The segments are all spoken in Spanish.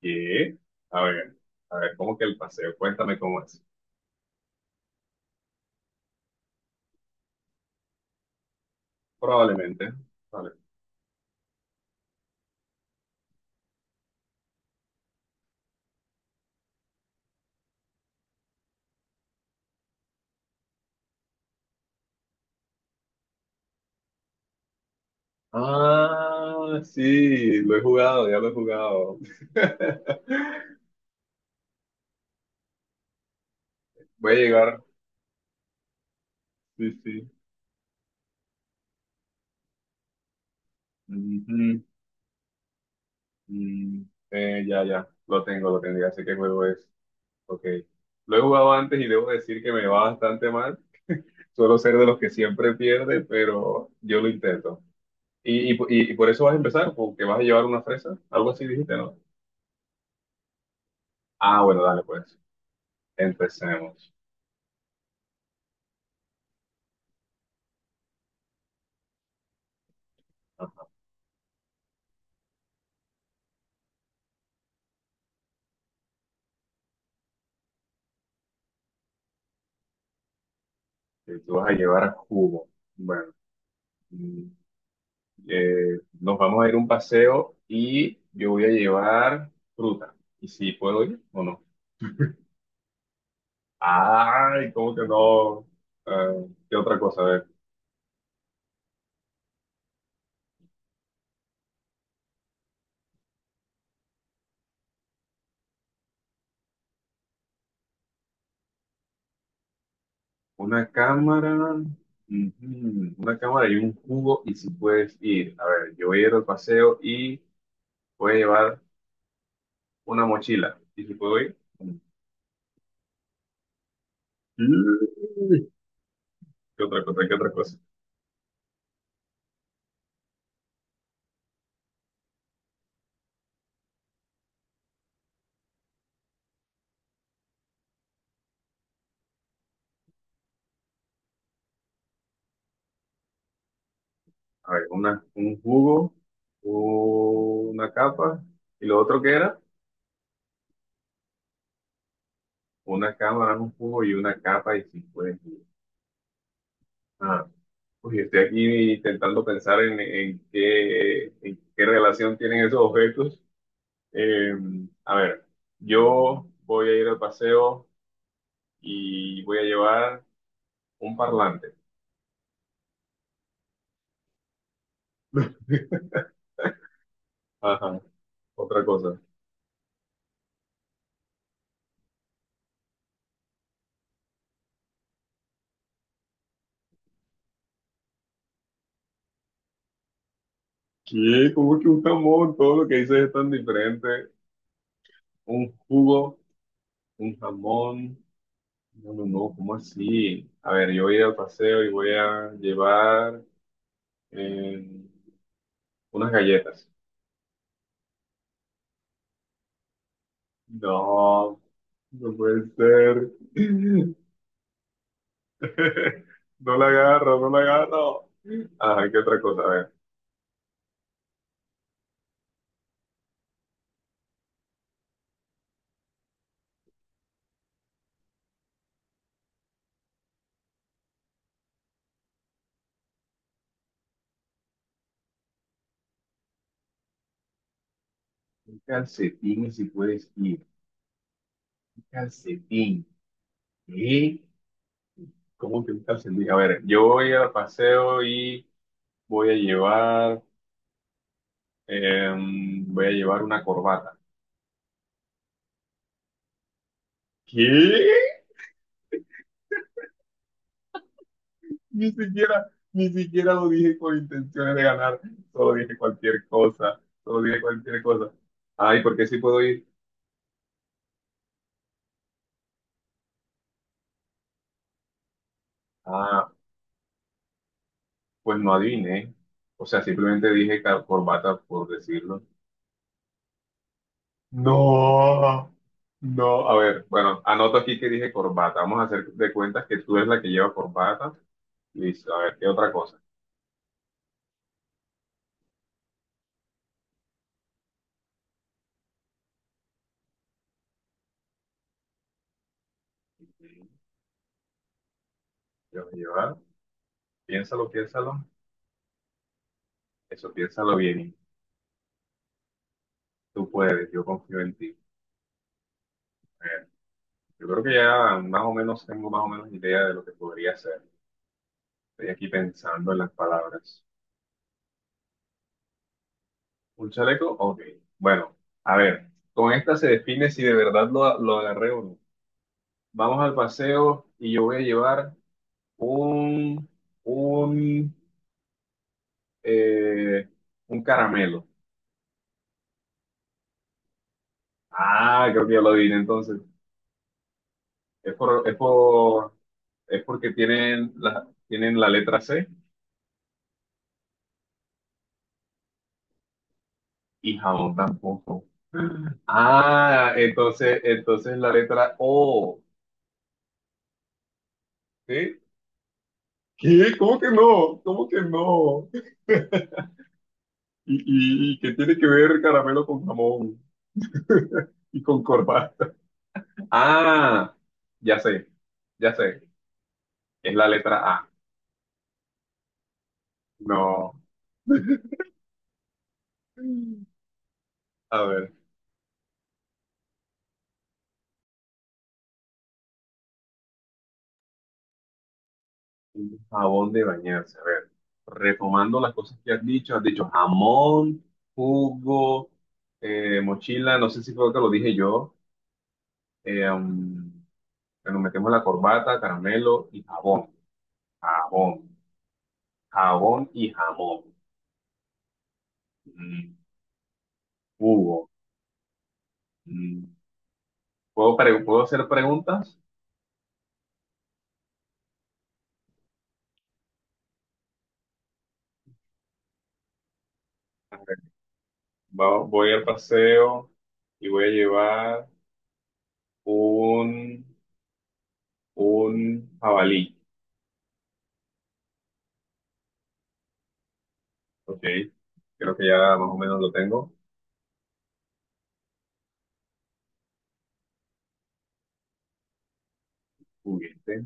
¿Qué? A ver, a ver, ¿cómo que el paseo? Cuéntame cómo es. Probablemente. Vale. Ah, sí, lo he jugado, ya lo he jugado. Voy a llegar. Sí, sí. Ujú, mm, ya, ya, lo tengo, ya sé qué juego es. Ok. Lo he jugado antes y debo decir que me va bastante mal. Suelo ser de los que siempre pierde, pero yo lo intento. ¿Y por eso vas a empezar? ¿Porque vas a llevar una fresa? Algo así dijiste, ¿no? Ah, bueno, dale pues. Empecemos. Ajá. Que tú vas a llevar a Cubo. Bueno, mm, nos vamos a ir a un paseo y yo voy a llevar fruta. ¿Y si puedo ir o no? Ay, ¿cómo que no? ¿Qué otra cosa? A ver, una cámara, ujú, una cámara y un cubo y si puedes ir. A ver, yo voy a ir al paseo y voy a llevar una mochila. ¿Y si puedo ir? Mm, ¿Qué otra cosa? ¿Qué otra cosa? A ver, un jugo, una capa, y lo otro que era, una cámara, un jugo y una capa y cinco de jugo. Ah, uy, estoy aquí intentando pensar en qué relación tienen esos objetos. Eh, a ver, yo voy a ir al paseo y voy a llevar un parlante. Ajá, otra cosa. ¿Qué? ¿Cómo que un jamón? Todo lo que dices es tan diferente. Un jugo, un jamón. No, no, no, ¿cómo así? A ver, yo voy a ir al paseo y voy a llevar eh, unas galletas. No, no puede ser. No la agarro, no la agarro. Ajá, ¿qué otra cosa? A ver, un calcetín si puedes ir. Un calcetín. ¿Qué? ¿Cómo que un calcetín? A ver, yo voy al paseo y voy a llevar, voy a llevar una corbata. ¿Qué? Ni siquiera, ni siquiera lo dije con intenciones de ganar, solo dije cualquier cosa, solo dije cualquier cosa. Ay, ¿por qué sí puedo ir? Ah, pues no adiviné. O sea, simplemente dije corbata por decirlo. No, no, a ver, bueno, anoto aquí que dije corbata. Vamos a hacer de cuentas que tú eres la que lleva corbata. Listo, a ver, ¿qué otra cosa? Yo voy a llevar, piénsalo, piénsalo, eso piénsalo bien. Tú puedes, yo confío en ti. Yo creo que ya más o menos tengo más o menos idea de lo que podría ser. Estoy aquí pensando en las palabras. ¿Un chaleco? Ok. Bueno, a ver, con esta se define si de verdad lo agarré o no. Vamos al paseo y yo voy a llevar un, un, eh, un caramelo. Ah, creo que ya lo adiviné entonces. Es por, es por, es porque tienen la letra C. Y jamón tampoco. Ah, entonces, la letra O, ¿sí? ¿Qué? ¿Cómo que no? ¿Cómo que no? ¿Y, y qué tiene que ver caramelo con jamón y con corbata? Ah, ya sé, ya sé. Es la letra A. No. A ver, jabón de bañarse. A ver, retomando las cosas que has dicho jamón, jugo, mochila, no sé si fue lo que lo dije yo. Eh, um, Bueno, metemos la corbata, caramelo y jabón. Jabón. Jabón y jamón. Mm, Hugo. Mm. ¿Puedo hacer preguntas? Voy al paseo y voy a llevar un, un jabalí. Ok. Creo que ya más o menos lo tengo. Juguete.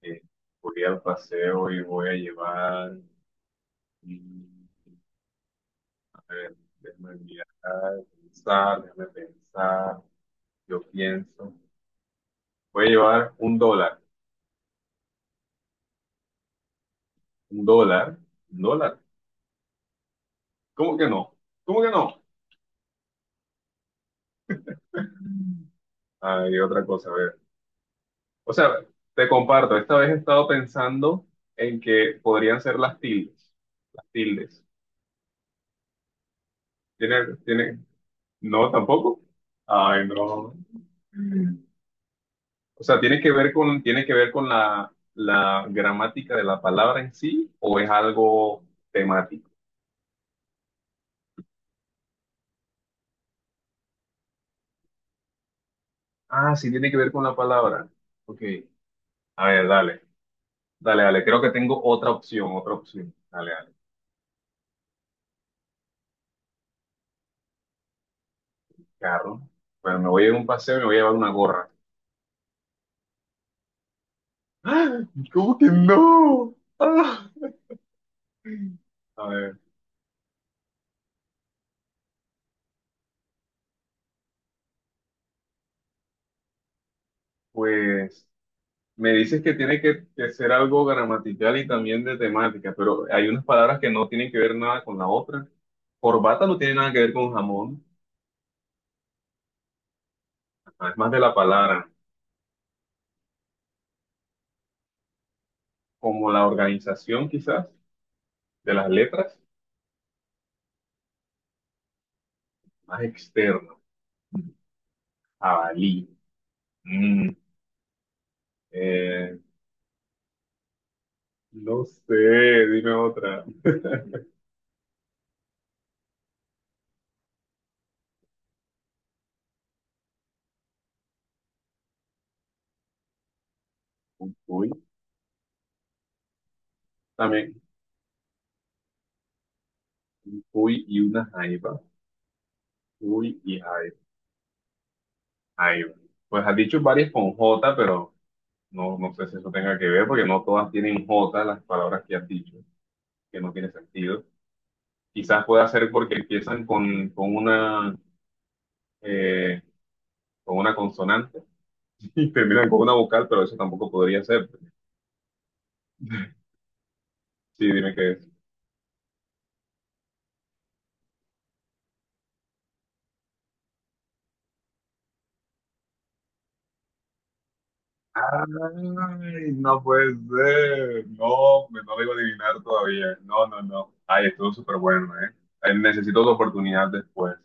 Eh, voy al paseo y voy a llevar. mm, a ver, déjame mirar, pensar, déjame pensar. Yo pienso. Voy a llevar un dólar. ¿Un dólar? ¿Un dólar? ¿Cómo que no? ¿Cómo que no? Hay otra cosa, a ver. O sea, te comparto, esta vez he estado pensando en que podrían ser las tildes. Las tildes. ¿Tiene? No, tampoco. Ay, no. O sea, ¿tiene que ver con la gramática de la palabra en sí o es algo temático? Ah, sí, tiene que ver con la palabra. Ok. A ver, dale. Dale, dale, creo que tengo otra opción, otra opción. Dale, dale, carro. Bueno, me voy a ir a un paseo y me voy a llevar una gorra. ¡Ah! ¿Cómo que no? ¡Ah! A ver, pues me dices que tiene que ser algo gramatical y también de temática, pero hay unas palabras que no tienen que ver nada con la otra. Corbata no tiene nada que ver con jamón, ajá, es más de la palabra, como la organización quizás de las letras, más externo. Jabalí. Mm, eh, No sé, dime otra. Un cuy, también, uy y una jaiba. Uy y jaiba. Jaiba. Pues has dicho varias con J, pero no, no sé si eso tenga que ver, porque no todas tienen J las palabras que has dicho, que no tiene sentido. Quizás pueda ser porque empiezan eh, con una consonante y terminan con una vocal, pero eso tampoco podría ser. Sí, dime qué es. Ay, no puede ser. No, no lo iba a adivinar todavía. No, no, no. Ay, estuvo súper bueno, ¿eh? Necesito otra oportunidad después.